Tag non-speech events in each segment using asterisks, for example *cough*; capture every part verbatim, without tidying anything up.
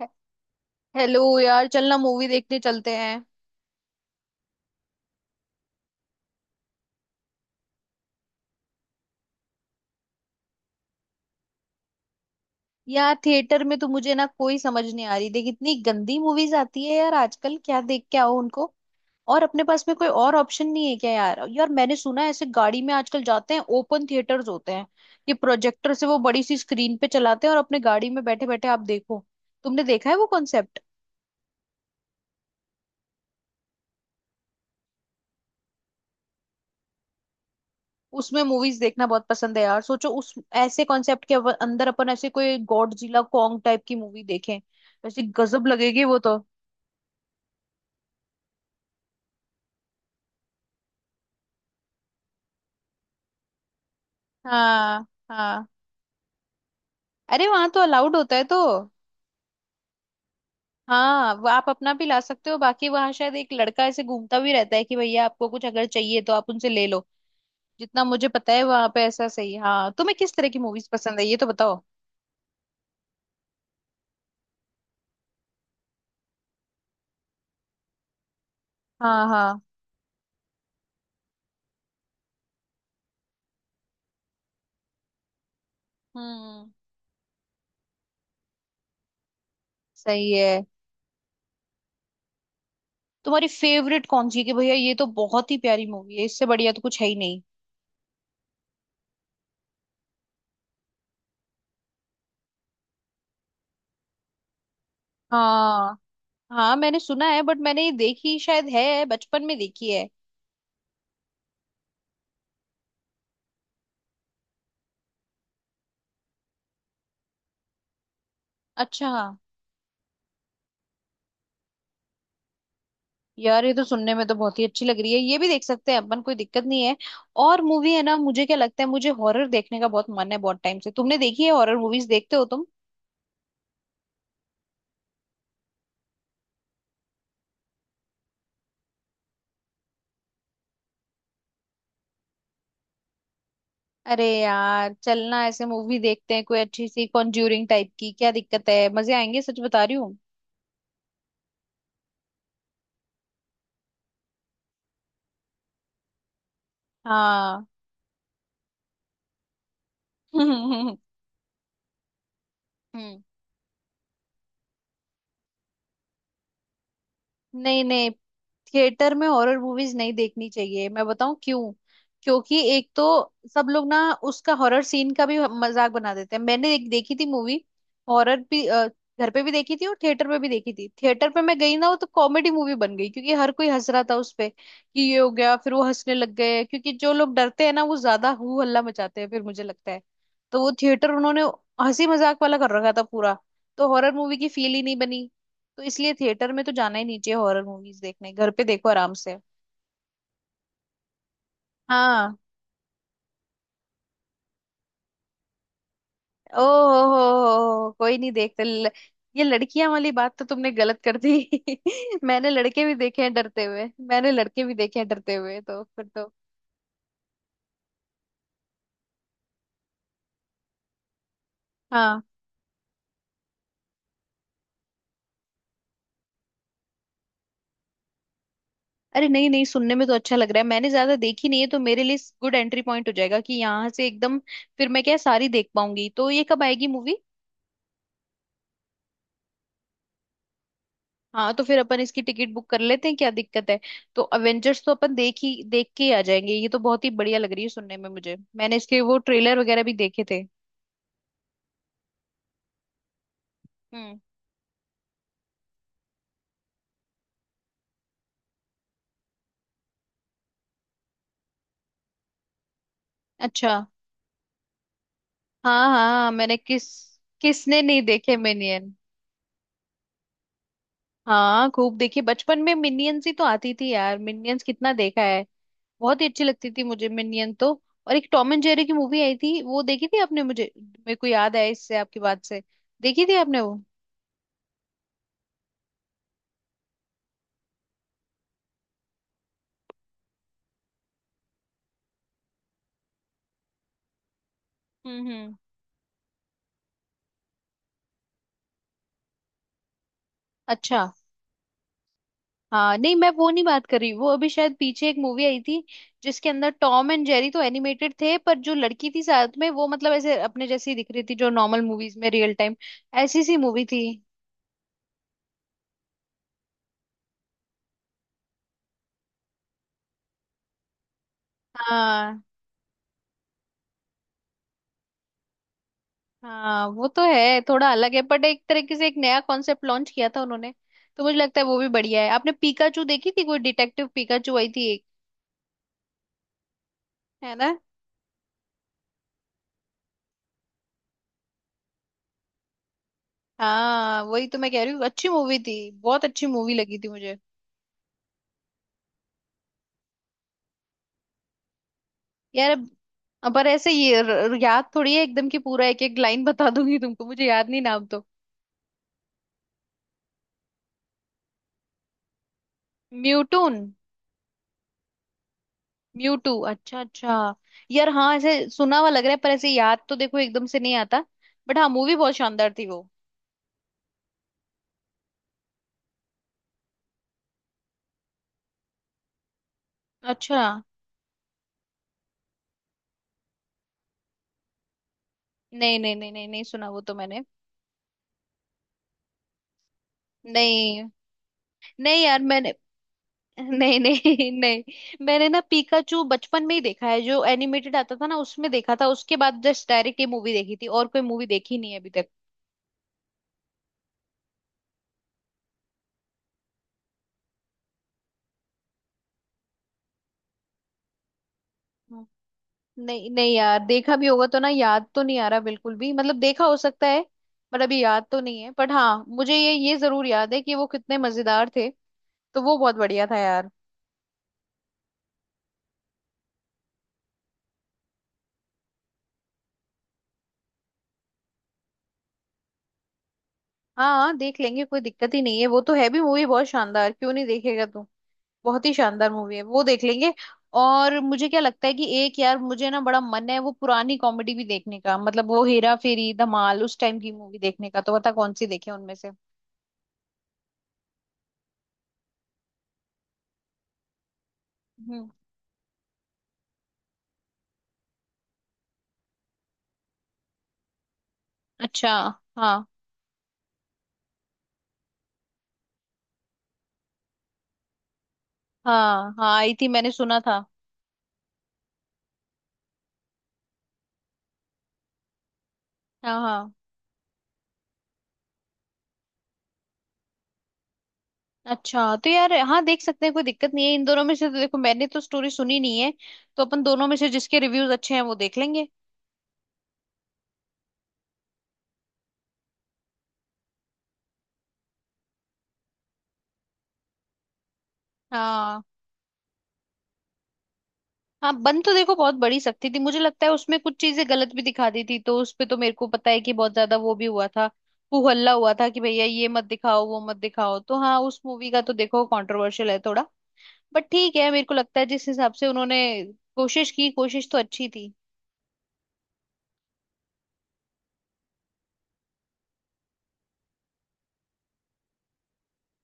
हे- hello यार चलना movie देखने चलते हैं। यार थिएटर में तो मुझे ना कोई समझ नहीं आ रही, देख इतनी गंदी मूवीज आती है यार आजकल, क्या देख के आओ उनको। और अपने पास में कोई और ऑप्शन नहीं है क्या यार? यार मैंने सुना है ऐसे गाड़ी में आजकल जाते हैं, ओपन थिएटर्स होते हैं। ये प्रोजेक्टर से वो बड़ी सी स्क्रीन पे चलाते हैं और अपने गाड़ी में बैठे बैठे आप देखो। तुमने देखा है वो कॉन्सेप्ट? उसमें मूवीज देखना बहुत पसंद है यार। सोचो उस ऐसे कॉन्सेप्ट के अव- अंदर अपन ऐसे कोई गॉडजिला कॉन्ग टाइप की मूवी देखें, वैसे गजब लगेगी वो तो। हाँ, हाँ, अरे वहां तो अलाउड होता है तो। हाँ, वो आप अपना भी ला सकते हो, बाकी वहां शायद एक लड़का ऐसे घूमता भी रहता है कि भैया आपको कुछ अगर चाहिए तो आप उनसे ले लो। जितना मुझे पता है वहां पे ऐसा सही। हाँ, तुम्हें किस तरह की मूवीज पसंद है ये तो बताओ। हाँ, हाँ। हम्म। सही है। तुम्हारी फेवरेट कौन सी है कि भैया ये तो बहुत ही प्यारी मूवी है, इससे बढ़िया तो कुछ है ही नहीं। हाँ, हाँ मैंने सुना है, बट मैंने ये देखी शायद है, बचपन में देखी है। अच्छा। यार ये तो सुनने में तो बहुत ही अच्छी लग रही है, ये भी देख सकते हैं अपन, कोई दिक्कत नहीं है। और मूवी है ना, मुझे क्या लगता है मुझे हॉरर देखने का बहुत मन है बहुत टाइम से। तुमने देखी है हॉरर मूवीज, देखते हो तुम? अरे यार चलना ऐसे मूवी देखते हैं कोई अच्छी सी कॉन्ज्यूरिंग टाइप की, क्या दिक्कत है, मजे आएंगे, सच बता रही हूँ। हाँ। *laughs* हम्म। नहीं नहीं थिएटर में हॉरर मूवीज नहीं देखनी चाहिए, मैं बताऊं क्यों। क्योंकि एक तो सब लोग ना उसका हॉरर सीन का भी मजाक बना देते हैं। मैंने एक देखी थी मूवी हॉरर भी, अ, घर पे भी देखी थी और थिएटर पे भी देखी थी। थिएटर पे मैं गई ना वो तो कॉमेडी मूवी बन गई क्योंकि हर कोई हंस रहा था उस पे कि ये हो गया, फिर वो हंसने लग गए क्योंकि जो लोग डरते हैं ना वो ज्यादा हू हल्ला मचाते हैं, फिर मुझे लगता है तो वो थिएटर उन्होंने हंसी मजाक वाला कर रखा था पूरा, तो हॉरर मूवी की फील ही नहीं बनी। तो इसलिए थिएटर में तो जाना ही नहीं चाहिए हॉरर मूवीज देखने, घर पे देखो आराम से। हाँ। ओ हो हो हो कोई नहीं देखते ल- ये लड़कियां वाली बात तो तुमने गलत कर दी। *laughs* मैंने लड़के भी देखे हैं डरते हुए, मैंने लड़के भी देखे हैं डरते हुए, तो फिर तो। हाँ। अरे नहीं नहीं सुनने में तो अच्छा लग रहा है, मैंने ज्यादा देखी नहीं है तो मेरे लिए गुड एंट्री पॉइंट हो जाएगा कि यहाँ से एकदम फिर मैं क्या सारी देख पाऊंगी। तो ये कब आएगी मूवी? हाँ, तो फिर अपन इसकी टिकट बुक कर लेते हैं, क्या दिक्कत है। तो अवेंजर्स तो अपन देख ही, देख के ही आ जाएंगे, ये तो बहुत ही बढ़िया लग रही है सुनने में मुझे, मैंने इसके वो ट्रेलर वगैरह भी देखे थे। हम्म। अच्छा। हाँ, हाँ मैंने किस, किसने नहीं देखे मिनियन। हाँ खूब देखे बचपन में, मिनियंस ही तो आती थी यार, मिनियंस कितना देखा है। बहुत ही अच्छी लगती थी मुझे मिनियन तो। और एक टॉम एंड जेरी की मूवी आई थी, वो देखी थी आपने? मुझे मेरे को याद आया इससे आपकी बात से। देखी थी आपने वो? हम्म, हम्म। अच्छा। हाँ नहीं मैं वो नहीं बात कर रही, वो अभी शायद पीछे एक मूवी आई थी जिसके अंदर टॉम एंड जेरी तो एनिमेटेड थे पर जो लड़की थी साथ में वो मतलब ऐसे अपने जैसी दिख रही थी, जो नॉर्मल मूवीज में रियल टाइम, ऐसी सी मूवी थी। हाँ, हाँ वो तो है थोड़ा अलग है बट एक तरीके से एक नया कॉन्सेप्ट लॉन्च किया था उन्होंने, तो मुझे लगता है वो भी बढ़िया है। आपने पीकाचू देखी थी, कोई डिटेक्टिव पीकाचू आई थी एक, है ना? हाँ वही तो मैं कह रही हूँ, अच्छी मूवी थी, बहुत अच्छी मूवी लगी थी मुझे। यार अब अब पर ऐसे ये र- याद थोड़ी है एकदम की पूरा एक एक लाइन बता दूंगी तुमको, मुझे याद नहीं नाम तो। म्यूटून। म्यूटू, अच्छा अच्छा। यार हाँ ऐसे सुना हुआ लग रहा है, पर ऐसे याद तो देखो एकदम से नहीं आता, बट हाँ मूवी बहुत शानदार थी वो। अच्छा। नहीं नहीं नहीं नहीं नहीं सुना वो तो मैंने। नहीं नहीं यार, मैंने नहीं नहीं *laughs* नहीं, मैंने ना पीकाचू बचपन में ही देखा है, जो एनिमेटेड आता था ना उसमें देखा था, उसके बाद जस्ट डायरेक्ट ये मूवी देखी थी और कोई मूवी देखी नहीं है अभी तक। नहीं नहीं यार, देखा भी होगा तो ना, याद तो नहीं आ रहा बिल्कुल भी, मतलब देखा हो सकता है पर अभी याद तो नहीं है। बट हाँ, मुझे ये ये जरूर याद है कि वो कितने मजेदार थे, तो वो बहुत बढ़िया था यार। हाँ, हाँ देख लेंगे, कोई दिक्कत ही नहीं है, वो तो है भी मूवी बहुत शानदार, क्यों नहीं देखेगा तू। बहुत ही शानदार मूवी है वो, देख लेंगे। और मुझे क्या लगता है कि एक यार मुझे ना बड़ा मन है वो पुरानी कॉमेडी भी देखने का, मतलब वो हेरा फेरी धमाल, उस टाइम की मूवी देखने का, तो बता कौन सी देखे उनमें से। हम्म। अच्छा। हाँ। हाँ हाँ आई थी, मैंने सुना था। हाँ, हाँ। अच्छा तो यार हाँ देख सकते हैं कोई दिक्कत नहीं है इन दोनों में से, तो देखो मैंने तो स्टोरी सुनी नहीं है, तो अपन दोनों में से जिसके रिव्यूज अच्छे हैं वो देख लेंगे। हाँ। हाँ बन तो देखो बहुत बड़ी सकती थी, मुझे लगता है उसमें कुछ चीजें गलत भी दिखा दी थी, तो उस पे तो मेरे को पता है कि बहुत ज्यादा वो भी हुआ था, हू हल्ला हुआ था कि भैया ये मत दिखाओ वो मत दिखाओ, तो हाँ उस मूवी का तो देखो कंट्रोवर्शियल है थोड़ा। बट ठीक है, मेरे को लगता है जिस हिसाब से उन्होंने कोशिश की, कोशिश तो अच्छी थी।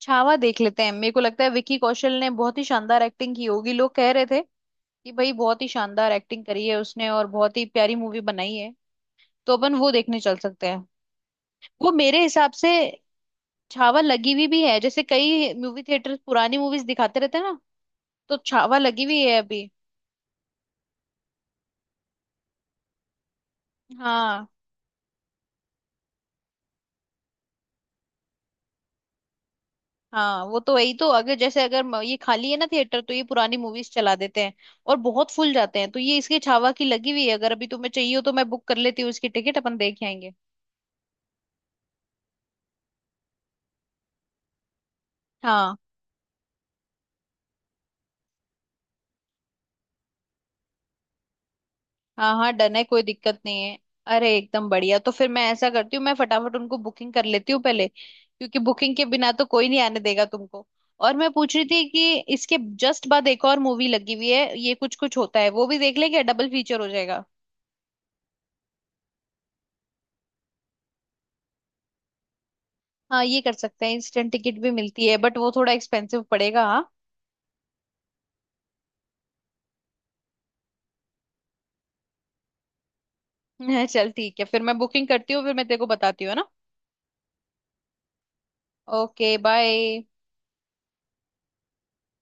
छावा देख लेते हैं, मेरे को लगता है विकी कौशल ने बहुत ही शानदार एक्टिंग की होगी, लोग कह रहे थे कि भाई बहुत ही शानदार एक्टिंग करी है उसने और बहुत ही प्यारी मूवी बनाई है, तो अपन वो देखने चल सकते हैं। वो मेरे हिसाब से छावा लगी हुई भी है, जैसे कई मूवी थिएटर पुरानी मूवीज दिखाते रहते हैं ना, तो छावा लगी हुई है अभी। हाँ। हाँ वो तो वही तो, अगर जैसे अगर म- ये खाली है ना थिएटर तो ये पुरानी मूवीज चला देते हैं, और बहुत फुल जाते हैं, तो ये इसकी छावा की लगी हुई है। अगर अभी तुम्हें चाहिए हो तो मैं बुक कर लेती हूँ इसकी टिकट, अपन देख आएंगे। हाँ। हाँ, हाँ डन है कोई दिक्कत नहीं है। अरे एकदम बढ़िया, तो फिर मैं ऐसा करती हूँ, मैं फटाफट उनको बुकिंग कर लेती हूँ पहले, क्योंकि बुकिंग के बिना तो कोई नहीं आने देगा तुमको। और मैं पूछ रही थी कि इसके जस्ट बाद एक और मूवी लगी हुई है, ये कुछ कुछ होता है, वो भी देख लेंगे, डबल फीचर हो जाएगा। हाँ, ये कर सकते हैं, इंस्टेंट टिकट भी मिलती है बट वो थोड़ा एक्सपेंसिव पड़ेगा। हाँ। *laughs* चल ठीक है, फिर मैं बुकिंग करती हूँ, फिर मैं तेरे को बताती हूँ, है ना। Okay bye.